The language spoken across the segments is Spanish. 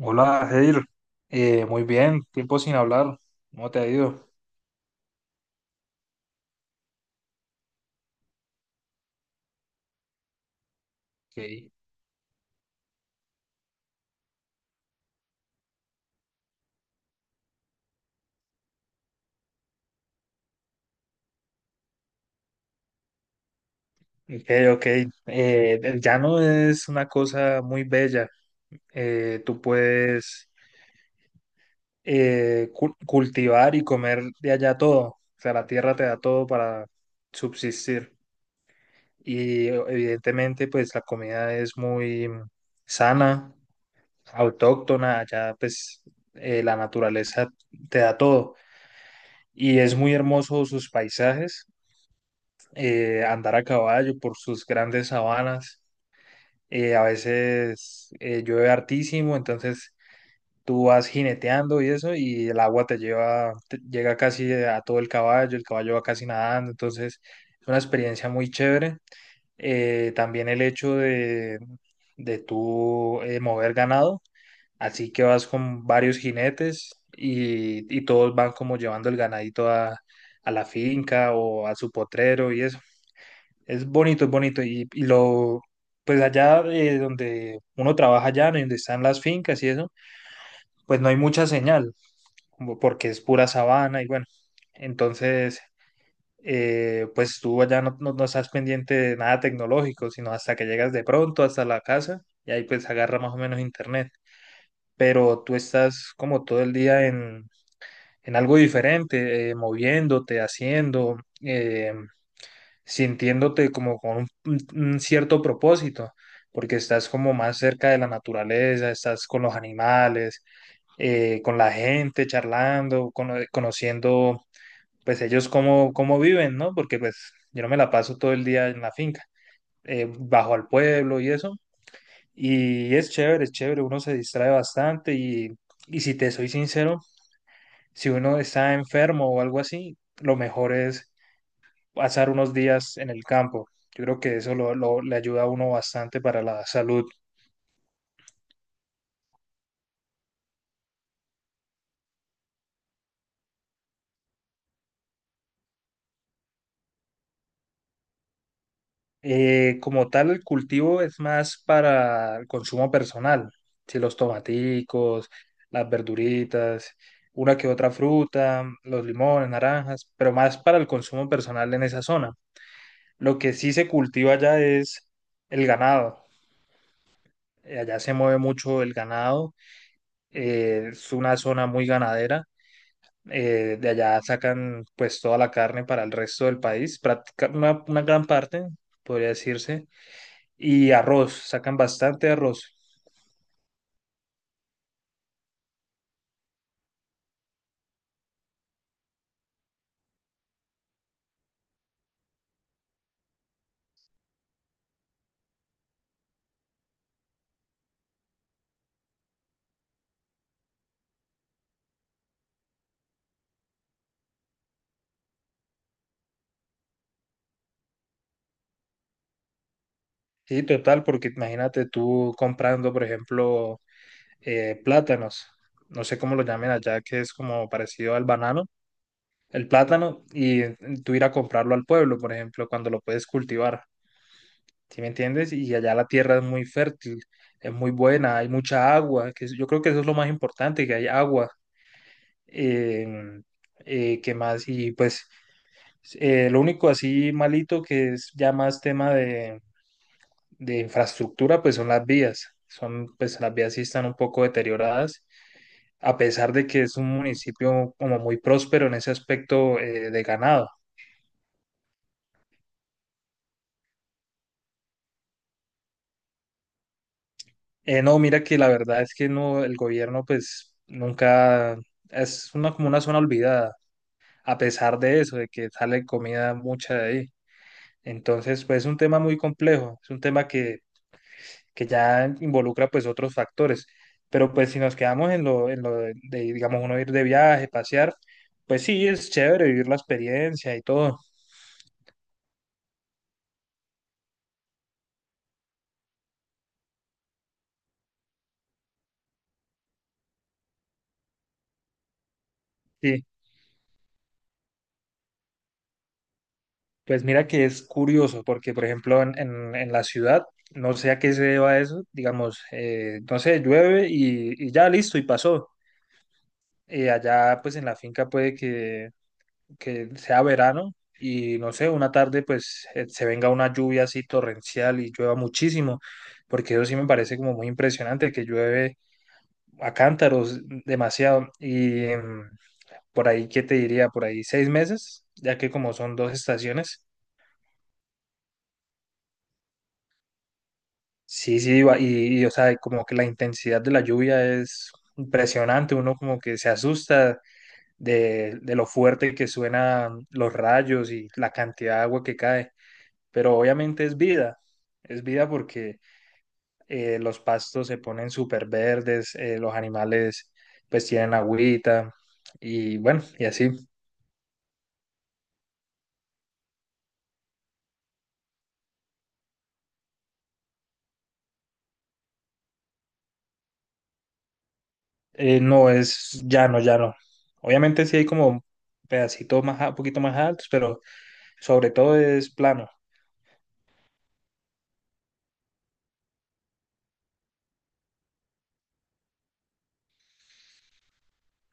Hola, Jair. Muy bien, tiempo sin hablar. ¿Cómo te ha ido? Ok, ok, ok. El llano es una cosa muy bella. Tú puedes cultivar y comer de allá todo. O sea, la tierra te da todo para subsistir. Y evidentemente, pues la comida es muy sana, autóctona. Allá, pues, la naturaleza te da todo. Y es muy hermoso sus paisajes, andar a caballo por sus grandes sabanas. A veces llueve hartísimo, entonces tú vas jineteando y eso, y el agua te lleva, llega casi a todo el caballo va casi nadando, entonces es una experiencia muy chévere. También el hecho de tú mover ganado, así que vas con varios jinetes y todos van como llevando el ganadito a la finca o a su potrero y eso. Es bonito, es bonito. Y lo, pues allá donde uno trabaja allá, ¿no? Y donde están las fincas y eso, pues no hay mucha señal, como porque es pura sabana y bueno. Entonces, pues tú allá no estás pendiente de nada tecnológico, sino hasta que llegas de pronto hasta la casa y ahí pues agarra más o menos internet. Pero tú estás como todo el día en algo diferente, moviéndote, haciendo. eh, sintiéndote como con un cierto propósito, porque estás como más cerca de la naturaleza, estás con los animales, con la gente, charlando, conociendo pues ellos cómo viven, ¿no? Porque pues yo no me la paso todo el día en la finca, bajo al pueblo y eso, y es chévere, uno se distrae bastante y si te soy sincero, si uno está enfermo o algo así, lo mejor es pasar unos días en el campo. Yo creo que eso le ayuda a uno bastante para la salud. Como tal, el cultivo es más para el consumo personal, si los tomaticos, las verduritas, una que otra fruta, los limones, naranjas, pero más para el consumo personal en esa zona. Lo que sí se cultiva allá es el ganado. Allá se mueve mucho el ganado, es una zona muy ganadera. De allá sacan pues toda la carne para el resto del país, una gran parte, podría decirse, y arroz, sacan bastante arroz. Sí, total, porque imagínate tú comprando, por ejemplo, plátanos, no sé cómo lo llamen allá, que es como parecido al banano, el plátano, y tú ir a comprarlo al pueblo, por ejemplo, cuando lo puedes cultivar. ¿Sí me entiendes? Y allá la tierra es muy fértil, es muy buena, hay mucha agua, que es- yo creo que eso es lo más importante, que hay agua. Eh, ¿Qué más? Y pues lo único así malito que es ya más tema de infraestructura, pues son las vías. Son, pues las vías sí están un poco deterioradas, a pesar de que es un municipio como muy próspero en ese aspecto, de ganado. No, mira que la verdad es que no, el gobierno pues nunca, es una, como una zona olvidada, a pesar de eso, de que sale comida mucha de ahí. Entonces, pues es un tema muy complejo, es un tema que ya involucra pues otros factores. Pero pues si nos quedamos en lo de, digamos, uno ir de viaje, pasear, pues sí, es chévere vivir la experiencia y todo. Sí, pues mira que es curioso, porque por ejemplo en, en la ciudad, no sé a qué se deba eso, digamos, no sé, llueve y ya listo y pasó. Allá pues en la finca puede que sea verano y no sé, una tarde pues se venga una lluvia así torrencial y llueva muchísimo, porque eso sí me parece como muy impresionante, que llueve a cántaros demasiado. Y por ahí, ¿qué te diría? Por ahí 6 meses, ya que como son dos estaciones. Sí, sí, o sea, como que la intensidad de la lluvia es impresionante, uno como que se asusta de, lo fuerte que suenan los rayos y la cantidad de agua que cae. Pero obviamente es vida porque los pastos se ponen súper verdes, los animales pues tienen agüita y bueno, y así. No es llano, llano. Obviamente sí hay como pedacitos más, un poquito más altos, pero sobre todo es plano.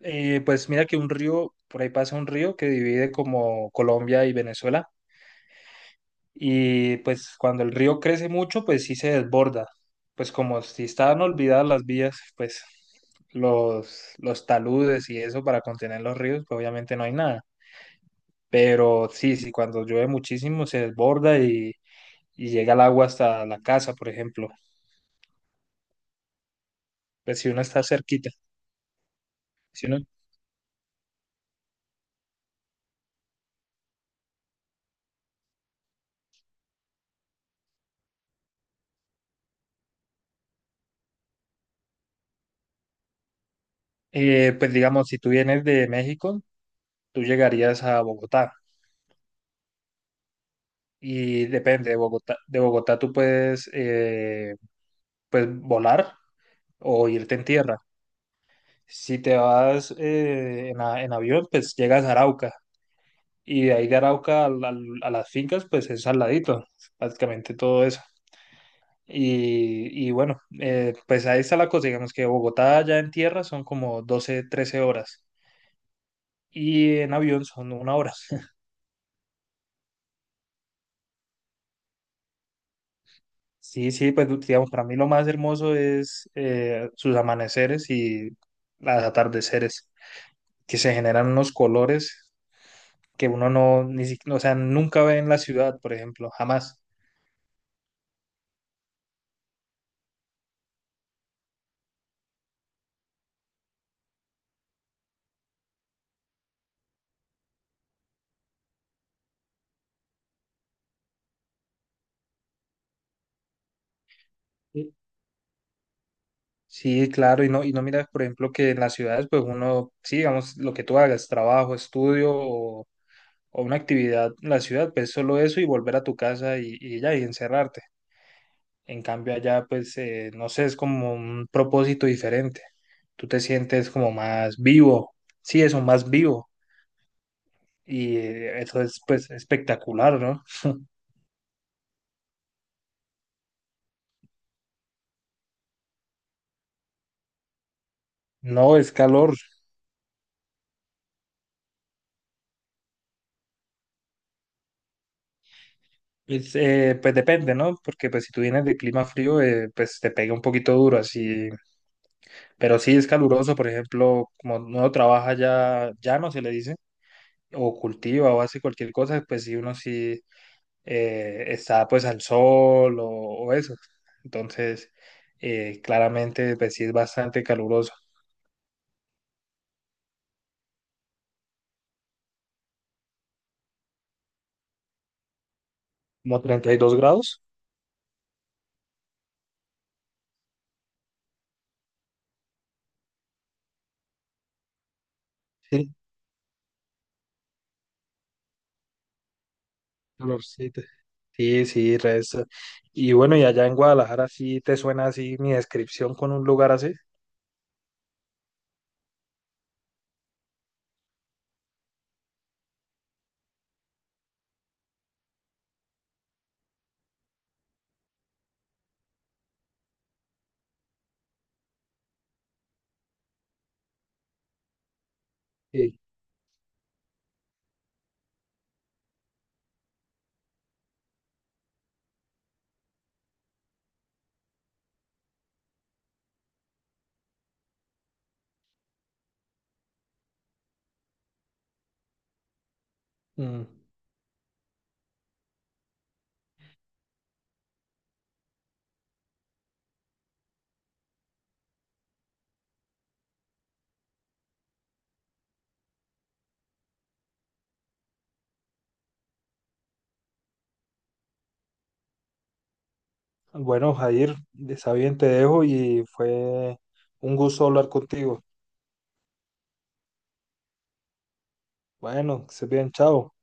Pues mira que un río, por ahí pasa un río que divide como Colombia y Venezuela. Y pues cuando el río crece mucho, pues sí se desborda. Pues como si estaban olvidadas las vías, pues los taludes y eso para contener los ríos, pues obviamente no hay nada. Pero sí, sí, cuando llueve muchísimo se desborda y llega el agua hasta la casa, por ejemplo. Pues si uno está cerquita, si uno, pues digamos, si tú vienes de México, tú llegarías a Bogotá. Y depende, de Bogotá tú puedes, pues volar o irte en tierra. Si te vas en avión, pues llegas a Arauca. Y de ahí de Arauca las fincas, pues es al ladito, prácticamente todo eso. Y bueno, pues ahí está la cosa. Digamos que Bogotá ya en tierra son como 12 13 horas. Y en avión son una hora. Sí, sí, pues digamos, para mí lo más hermoso es sus amaneceres y los atardeceres, que se generan unos colores que uno no, ni, si- o sea, nunca ve en la ciudad, por ejemplo, jamás. Sí, claro, y no miras, por ejemplo, que en las ciudades, pues uno, sí, digamos, lo que tú hagas, trabajo, estudio, o una actividad en la ciudad, pues solo eso y volver a tu casa y ya, y encerrarte. En cambio, allá, pues, no sé, es como un propósito diferente. Tú te sientes como más vivo, sí, eso, más vivo. Y eso es, pues, espectacular, ¿no? No, es calor. Pues depende, ¿no? Porque pues si tú vienes de clima frío, pues te pega un poquito duro, así. Pero sí es caluroso, por ejemplo, como uno trabaja ya llano, se le dice, o cultiva o hace cualquier cosa, pues sí uno sí está pues al sol o eso. Entonces, claramente, pues sí es bastante caluroso. Como 32 grados. Sí, calorcito. Sí, sí, resta. Y bueno, y allá en Guadalajara sí te suena así mi descripción con un lugar así. Sí. Mm. Bueno, Jair, está bien, te dejo y fue un gusto hablar contigo. Bueno, que se bien, chao.